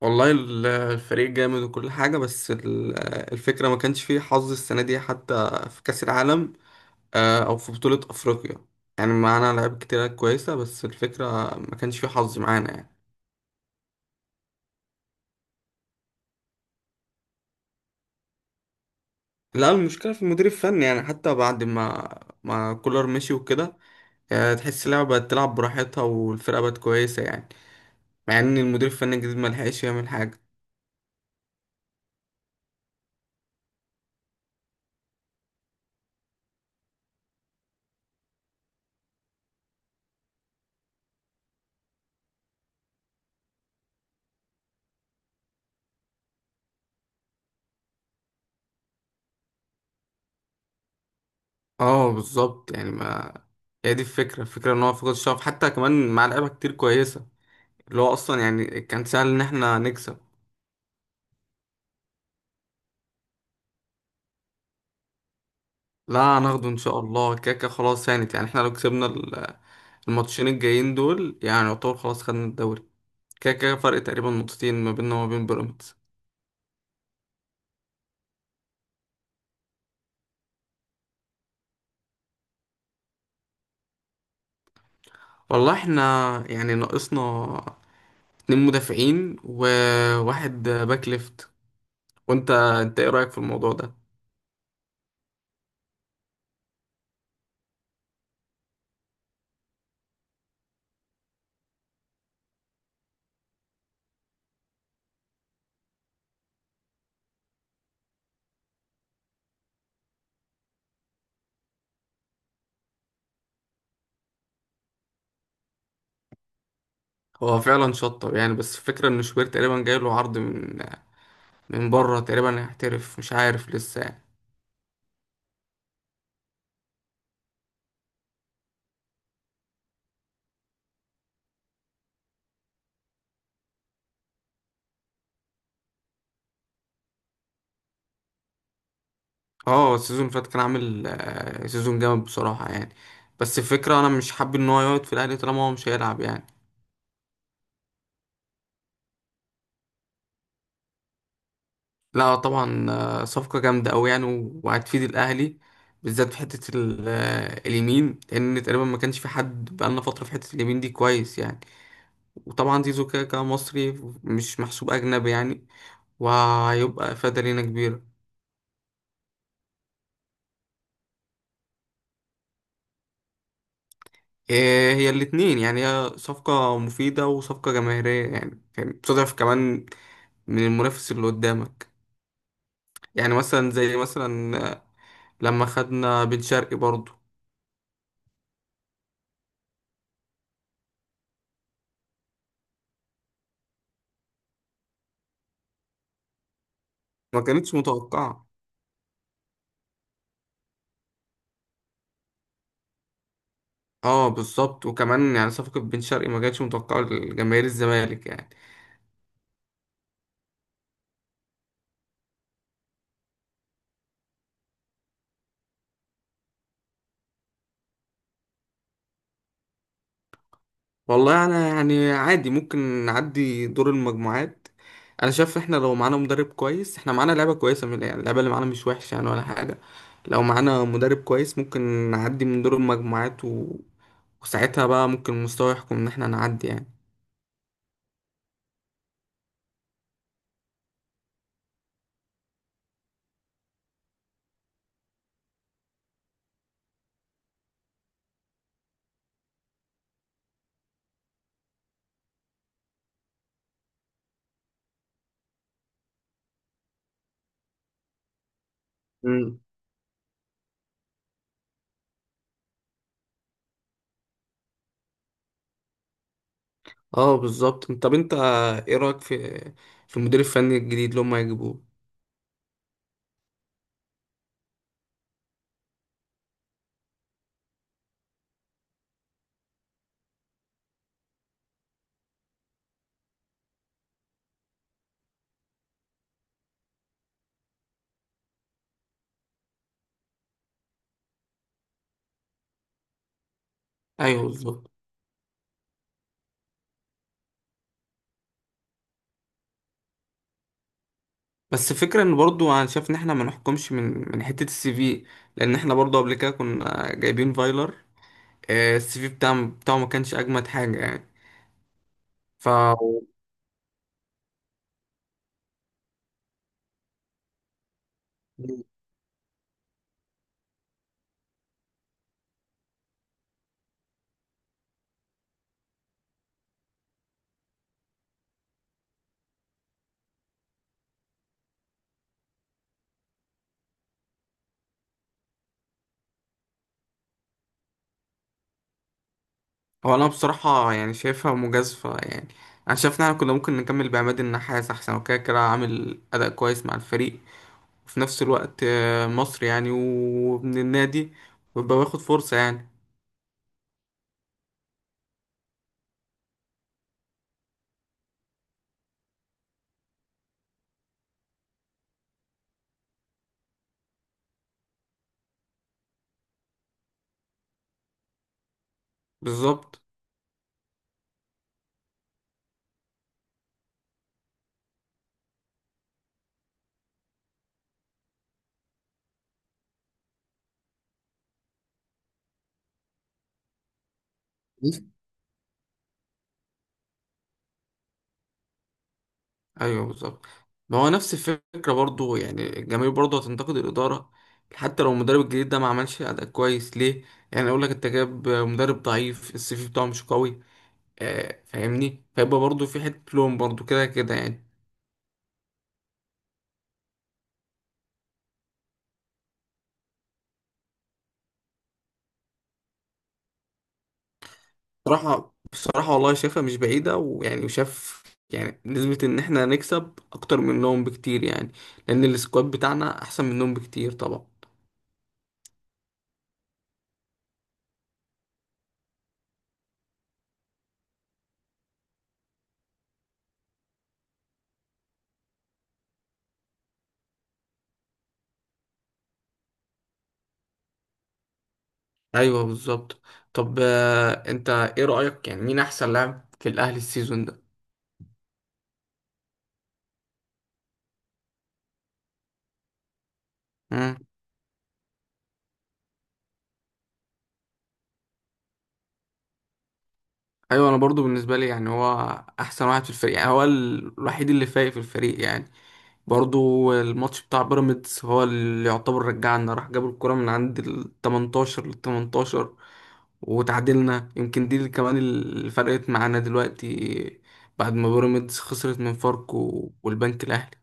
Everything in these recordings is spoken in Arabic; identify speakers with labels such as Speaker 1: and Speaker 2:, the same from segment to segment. Speaker 1: والله الفريق جامد وكل حاجة، بس الفكرة ما كانش فيه حظ السنة دي، حتى في كأس العالم أو في بطولة أفريقيا. يعني معانا لعيبة كتيرة كويسة، بس الفكرة ما كانش فيه حظ معانا يعني. لا، المشكلة في المدير الفني، يعني حتى بعد ما كولر مشي وكده تحس اللعبة بقت تلعب براحتها والفرقة بقت كويسة يعني، مع إن المدير الفني الجديد ما لحقش يعمل حاجة. اه بالظبط، يعني ما هي دي الفكرة، الفكرة إن هو فقد الشغف حتى كمان مع لعيبة كتير كويسة، اللي هو اصلا يعني كان سهل ان احنا نكسب. لا، هناخده ان شاء الله، كاكا خلاص هانت، يعني احنا لو كسبنا الماتشين الجايين دول، يعني يعتبر خلاص خدنا الدوري. كاكا فرق تقريبا نقطتين ما بيننا وما بين بيراميدز. والله احنا يعني ناقصنا اتنين مدافعين وواحد باك ليفت. وانت ايه رأيك في الموضوع ده؟ هو فعلا شطب يعني، بس الفكرة ان شوبير تقريبا جاي له عرض من بره، تقريبا هيحترف مش عارف لسه يعني. اه، السيزون اللي فات كان عامل سيزون جامد بصراحة يعني، بس الفكرة انا مش حابب ان هو يقعد في الاهلي طالما هو مش هيلعب يعني. لا طبعا، صفقة جامدة اوي يعني، وهتفيد الاهلي، بالذات في حتة اليمين، لان تقريبا ما كانش في حد بقالنا فترة في حتة اليمين دي كويس يعني. وطبعا زيزو كده كده مصري، مش محسوب اجنبي يعني، وهيبقى افادة لينا كبيرة. إيه، هي الاتنين يعني، هي صفقة مفيدة وصفقة جماهيرية، يعني بتضعف كمان من المنافس اللي قدامك، يعني مثلا زي مثلا لما خدنا بن شرقي برضو، ما كانتش متوقعة. اه بالظبط، وكمان يعني صفقة بن شرقي ما كانتش متوقعة لجماهير الزمالك يعني. والله انا يعني عادي، ممكن نعدي دور المجموعات. انا شايف احنا لو معانا مدرب كويس، احنا معانا لعبة كويسة، من يعني اللعبة اللي معانا مش وحشة يعني ولا حاجة. لو معانا مدرب كويس ممكن نعدي من دور المجموعات، وساعتها بقى ممكن المستوى يحكم ان احنا نعدي يعني. مم. اه بالظبط، طب انت ايه رأيك في المدير الفني الجديد اللي هم هيجيبوه؟ ايوه بالظبط، بس الفكرة ان برضو انا شايف ان احنا ما نحكمش من حتة السي في، لان احنا برضو قبل كده كنا جايبين فايلر. السي في بتاعه ما كانش اجمد حاجة يعني. ف هو انا بصراحة يعني شايفها مجازفة يعني. انا شايف ان احنا كنا ممكن نكمل بعماد النحاس احسن، وكده كده عامل اداء كويس مع الفريق، وفي نفس الوقت مصري يعني، ومن النادي، ويبقى واخد فرصة يعني. بالظبط. ايوه بالظبط، ما هو نفس الفكره برضو، يعني الجماهير برضو هتنتقد الاداره حتى لو المدرب الجديد ده ما عملش اداء كويس ليه، يعني اقول لك انت جاب مدرب ضعيف، السي في بتاعه مش قوي، آه فاهمني، فيبقى برضو في حته لوم برضو كده كده يعني. بصراحه بصراحه والله شايفها مش بعيده، ويعني وشاف، يعني نسبه ان احنا هنكسب اكتر منهم بكتير يعني، لان السكواد بتاعنا احسن منهم بكتير طبعا. ايوه بالظبط، طب انت ايه رأيك يعني، مين احسن لاعب في الاهلي السيزون ده؟ مم. ايوه، انا برضو بالنسبة لي يعني هو احسن واحد في الفريق يعني، هو الوحيد اللي فايق في الفريق يعني. برضو الماتش بتاع بيراميدز هو اللي يعتبر رجعنا، راح جاب الكرة من عند ال 18 لل 18 وتعادلنا، يمكن دي اللي كمان اللي فرقت معانا دلوقتي بعد ما بيراميدز خسرت من فاركو والبنك الاهلي.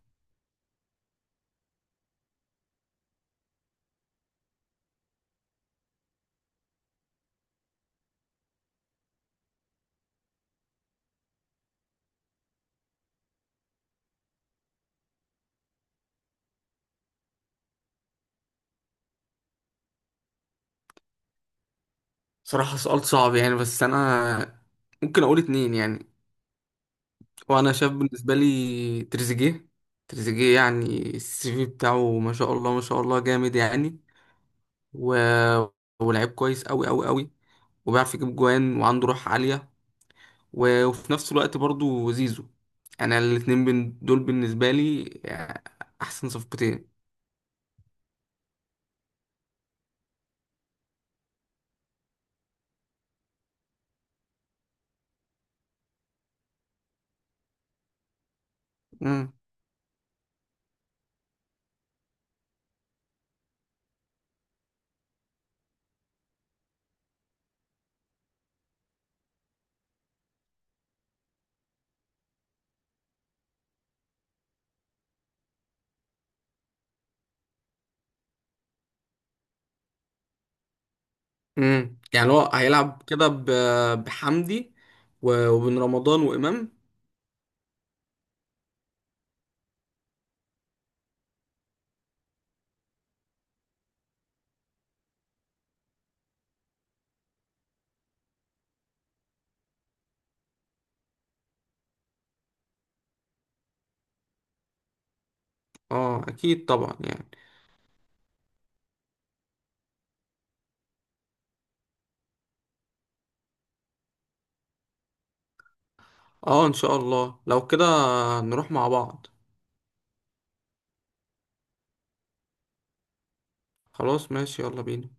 Speaker 1: صراحة سؤال صعب يعني، بس انا ممكن اقول اتنين يعني. وانا شايف بالنسبه لي تريزيجيه. تريزيجيه يعني السي في بتاعه ما شاء الله ما شاء الله جامد يعني، و... ولعيب كويس قوي قوي قوي، وبيعرف يجيب جوان وعنده روح عاليه، وفي نفس الوقت برضو زيزو. انا الاتنين دول بالنسبه لي احسن صفقتين. امم يعني هو هيلعب كده بحمدي وبن رمضان وامام. اه اكيد طبعا يعني. اه ان شاء الله، لو كده نروح مع بعض. خلاص ماشي، يلا بينا.